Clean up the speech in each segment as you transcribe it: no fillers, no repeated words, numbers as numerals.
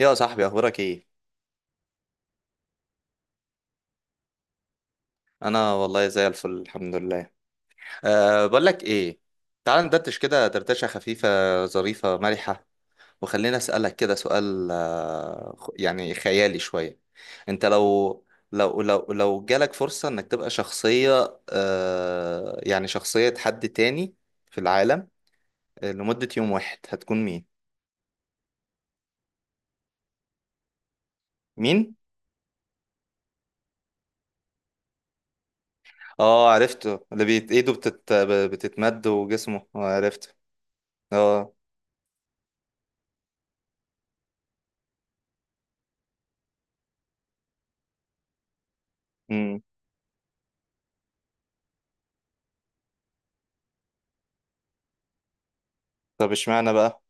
يا صاحبي، اخبارك ايه؟ انا والله زي الفل، الحمد لله. أه، بقول لك ايه، تعال ندردش كده دردشه خفيفه ظريفه مرحه. وخلينا اسالك كده سؤال، يعني خيالي شويه. انت لو جالك فرصه انك تبقى شخصيه، يعني شخصيه حد تاني في العالم، لمده يوم واحد، هتكون مين؟ مين؟ اه، عرفته، اللي بيت ايده بتتمد وجسمه، عرفته. اه. أمم. طب، اشمعنى بقى؟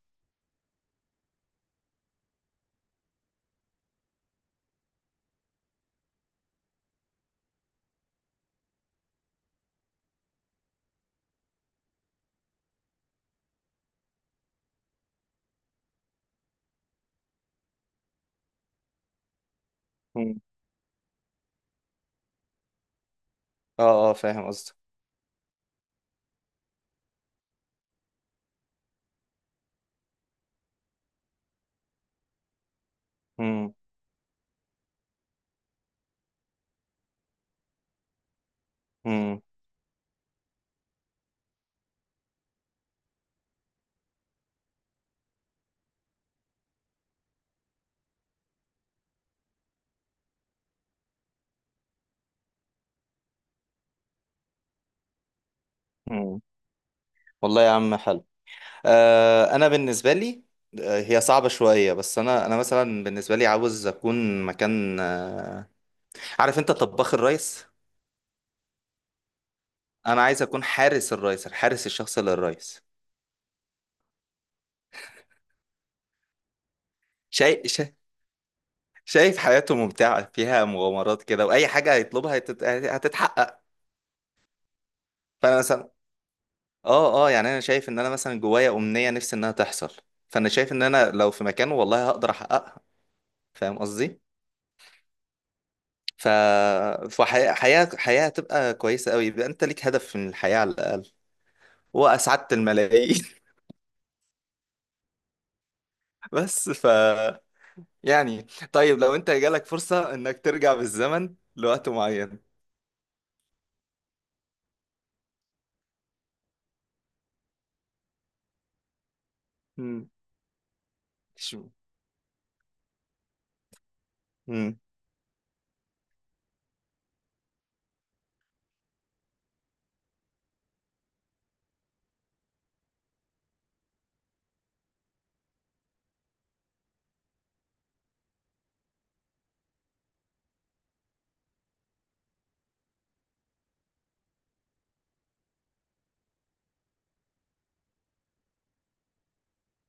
اه، اه، فاهم قصدك. مم. مم. مم. والله يا عم حلو. انا بالنسبه لي، هي صعبه شويه، بس انا مثلا بالنسبه لي عاوز اكون مكان، عارف انت طباخ الريس. انا عايز اكون حارس الريس، الحارس الشخصي للريس. شايف شايف حياته ممتعه فيها مغامرات كده، واي حاجه هيطلبها هتتحقق. فانا مثلا، اه يعني انا شايف ان انا مثلا جوايا امنيه نفسي انها تحصل. فانا شايف ان انا لو في مكانه، والله هقدر احققها. فاهم قصدي؟ ف فحياة حياة حياة هتبقى كويسة قوي، يبقى انت ليك هدف من الحياة على الأقل، وأسعدت الملايين. بس يعني، طيب لو انت جالك فرصة انك ترجع بالزمن لوقت معين؟ مم. شو. مم.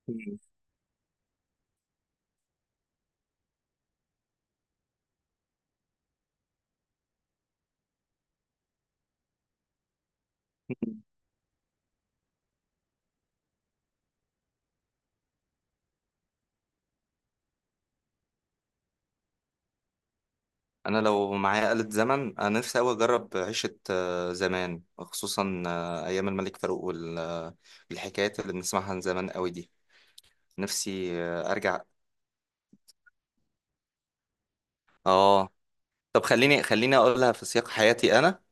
مم. انا لو معايا آلة زمن، انا نفسي قوي اجرب عيشة زمان، خصوصا ايام الملك فاروق والحكايات اللي بنسمعها عن زمان قوي دي. نفسي ارجع. اه، طب خليني خليني اقولها في سياق حياتي انا.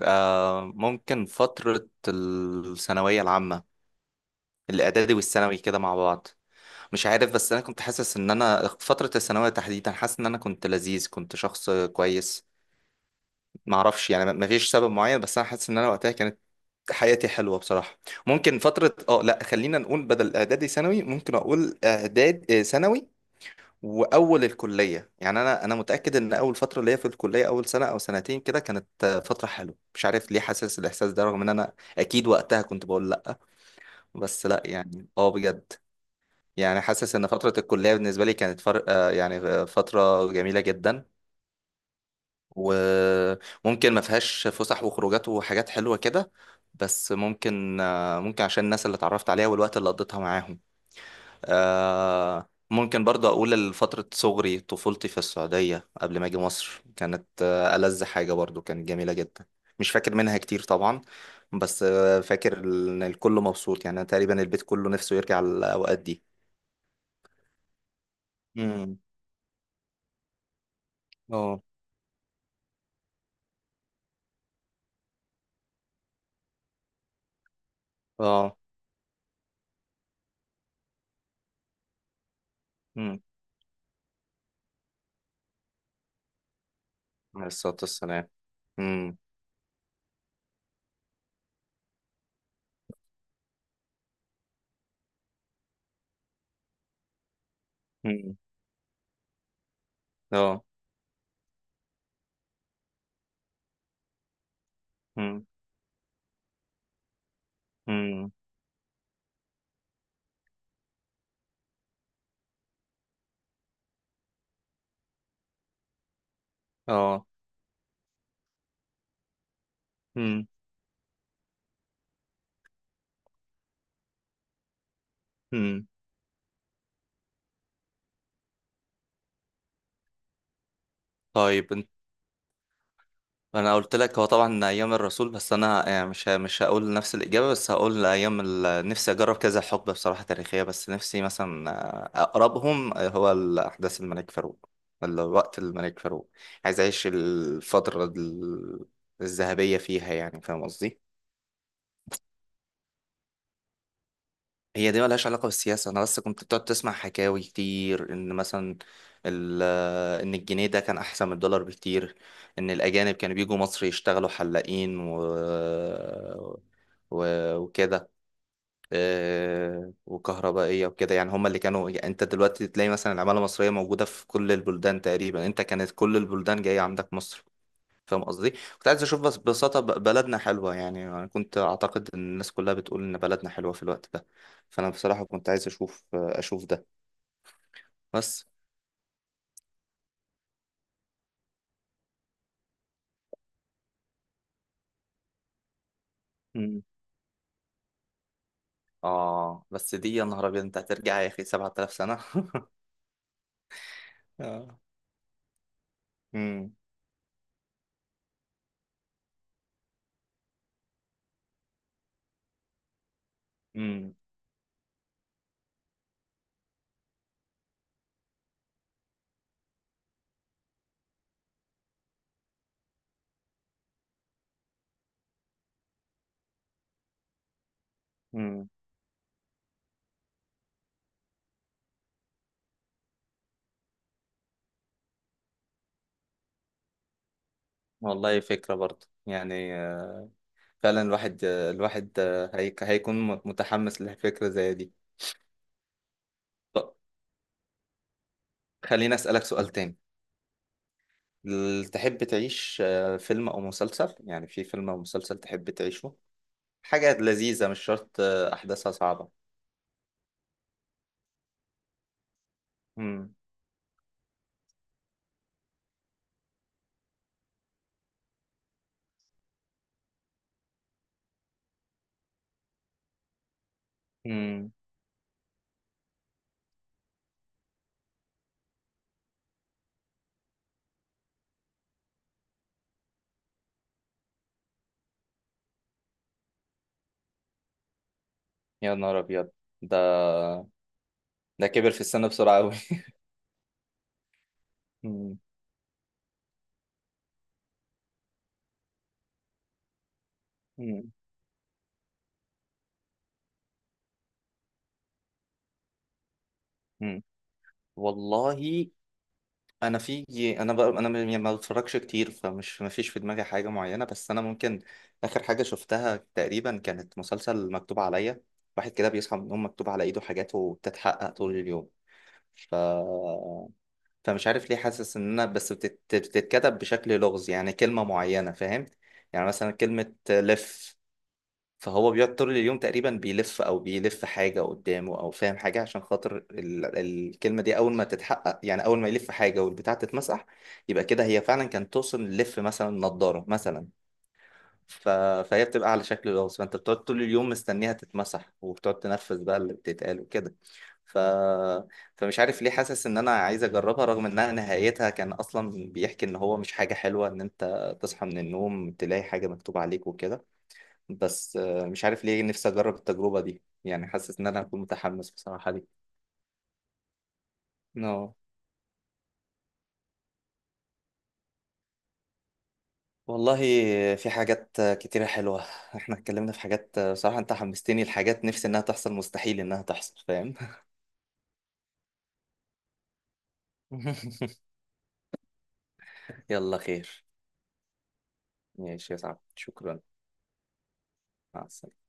ممكن فترة الثانوية العامة، الإعدادي والثانوي كده مع بعض. مش عارف، بس أنا كنت حاسس إن أنا فترة الثانوية تحديدا حاسس إن أنا كنت لذيذ، كنت شخص كويس. معرفش يعني، مفيش سبب معين، بس أنا حاسس إن أنا وقتها كانت حياتي حلوة بصراحة. ممكن فترة اه، لا، خلينا نقول بدل إعدادي ثانوي، ممكن أقول إعداد ثانوي واول الكليه. يعني انا متاكد ان اول فتره ليا في الكليه، اول سنه او سنتين كده، كانت فتره حلوه، مش عارف ليه حاسس الاحساس ده، رغم ان انا اكيد وقتها كنت بقول لا. بس لا، يعني اه، بجد، يعني حاسس ان فتره الكليه بالنسبه لي كانت فرق، يعني فتره جميله جدا. وممكن ما فيهاش فسح وخروجات وحاجات حلوه كده، بس ممكن عشان الناس اللي اتعرفت عليها والوقت اللي قضيتها معاهم. ممكن برضه أقول فترة صغري، طفولتي في السعودية قبل ما أجي مصر، كانت ألذ حاجة، برضه كانت جميلة جدا. مش فاكر منها كتير طبعا، بس فاكر إن الكل مبسوط، يعني أنا تقريبا البيت كله نفسه يرجع للأوقات دي. امم. اه. اه. امم. عليه الصلاة والسلام. امم. امم. اه. امم. امم. اه. امم. امم. طيب، انا قلت لك هو طبعا ايام الرسول، بس انا يعني مش هقول نفس الاجابه، بس هقول ايام نفسي اجرب كذا حقبه بصراحه تاريخيه. بس نفسي مثلا اقربهم هو احداث الملك فاروق، الوقت الملك فاروق، عايز اعيش الفتره الذهبيه فيها، يعني فاهم قصدي؟ هي دي ملهاش علاقه بالسياسه، انا بس كنت بتقعد تسمع حكاوي كتير، ان مثلا ال- ان الجنيه ده كان احسن من الدولار بكتير، ان الاجانب كانوا بيجوا مصر يشتغلوا حلاقين و و- وكده، وكهربائية وكده. يعني هما اللي كانوا، يعني انت دلوقتي تلاقي مثلا العمالة المصرية موجودة في كل البلدان تقريبا، انت كانت كل البلدان جاية عندك مصر. فاهم قصدي؟ كنت عايز اشوف بس ببساطة بلدنا حلوة، يعني انا كنت اعتقد ان الناس كلها بتقول ان بلدنا حلوة في الوقت ده، فانا بصراحة كنت عايز اشوف ده. بس. مم. اه، بس دي يا نهار ابيض، انت هترجع يا اخي 7000 سنة. اه. امم. امم. امم. والله فكرة برضه، يعني فعلا الواحد هيكون متحمس لفكرة زي دي. طب خليني أسألك سؤال تاني، تحب تعيش فيلم أو مسلسل؟ يعني في فيلم أو مسلسل تحب تعيشه، حاجة لذيذة مش شرط أحداثها صعبة. مم. مم. يا نهار أبيض، ده ده كبر في السن بسرعة أوي. مم. مم. مم. والله، انا في انا بقى، ما بتفرجش كتير، فمش ما فيش في دماغي حاجه معينه، بس انا ممكن اخر حاجه شفتها تقريبا كانت مسلسل مكتوب عليا، واحد كده بيصحى من النوم مكتوب على ايده حاجات وبتتحقق طول اليوم. ف فمش عارف ليه حاسس ان انا بس بتتكتب بشكل لغز، يعني كلمه معينه، فاهم؟ يعني مثلا كلمه لف، فهو بيقعد طول اليوم تقريبا بيلف او بيلف حاجه قدامه، او فاهم حاجه عشان خاطر الكلمه دي، اول ما تتحقق يعني اول ما يلف حاجه والبتاع تتمسح، يبقى كده هي فعلا كانت توصل للف مثلا نضاره مثلا. ف... فهي بتبقى على شكل لغز، فانت بتقعد طول اليوم مستنيها تتمسح وبتقعد تنفذ بقى اللي بتتقال وكده. ف... فمش عارف ليه حاسس ان انا عايز اجربها، رغم انها نهايتها كان اصلا بيحكي ان هو مش حاجه حلوه ان انت تصحى من النوم تلاقي حاجه مكتوبه عليك وكده. بس مش عارف ليه نفسي اجرب التجربة دي، يعني حاسس ان انا هكون متحمس بصراحة ليه. نو، والله في حاجات كتيرة حلوة، احنا اتكلمنا في حاجات، بصراحة انت حمستني لحاجات نفسي انها تحصل، مستحيل انها تحصل، فاهم؟ يلا خير. ماشي يا صاحبي، شكرا. مع السلامة.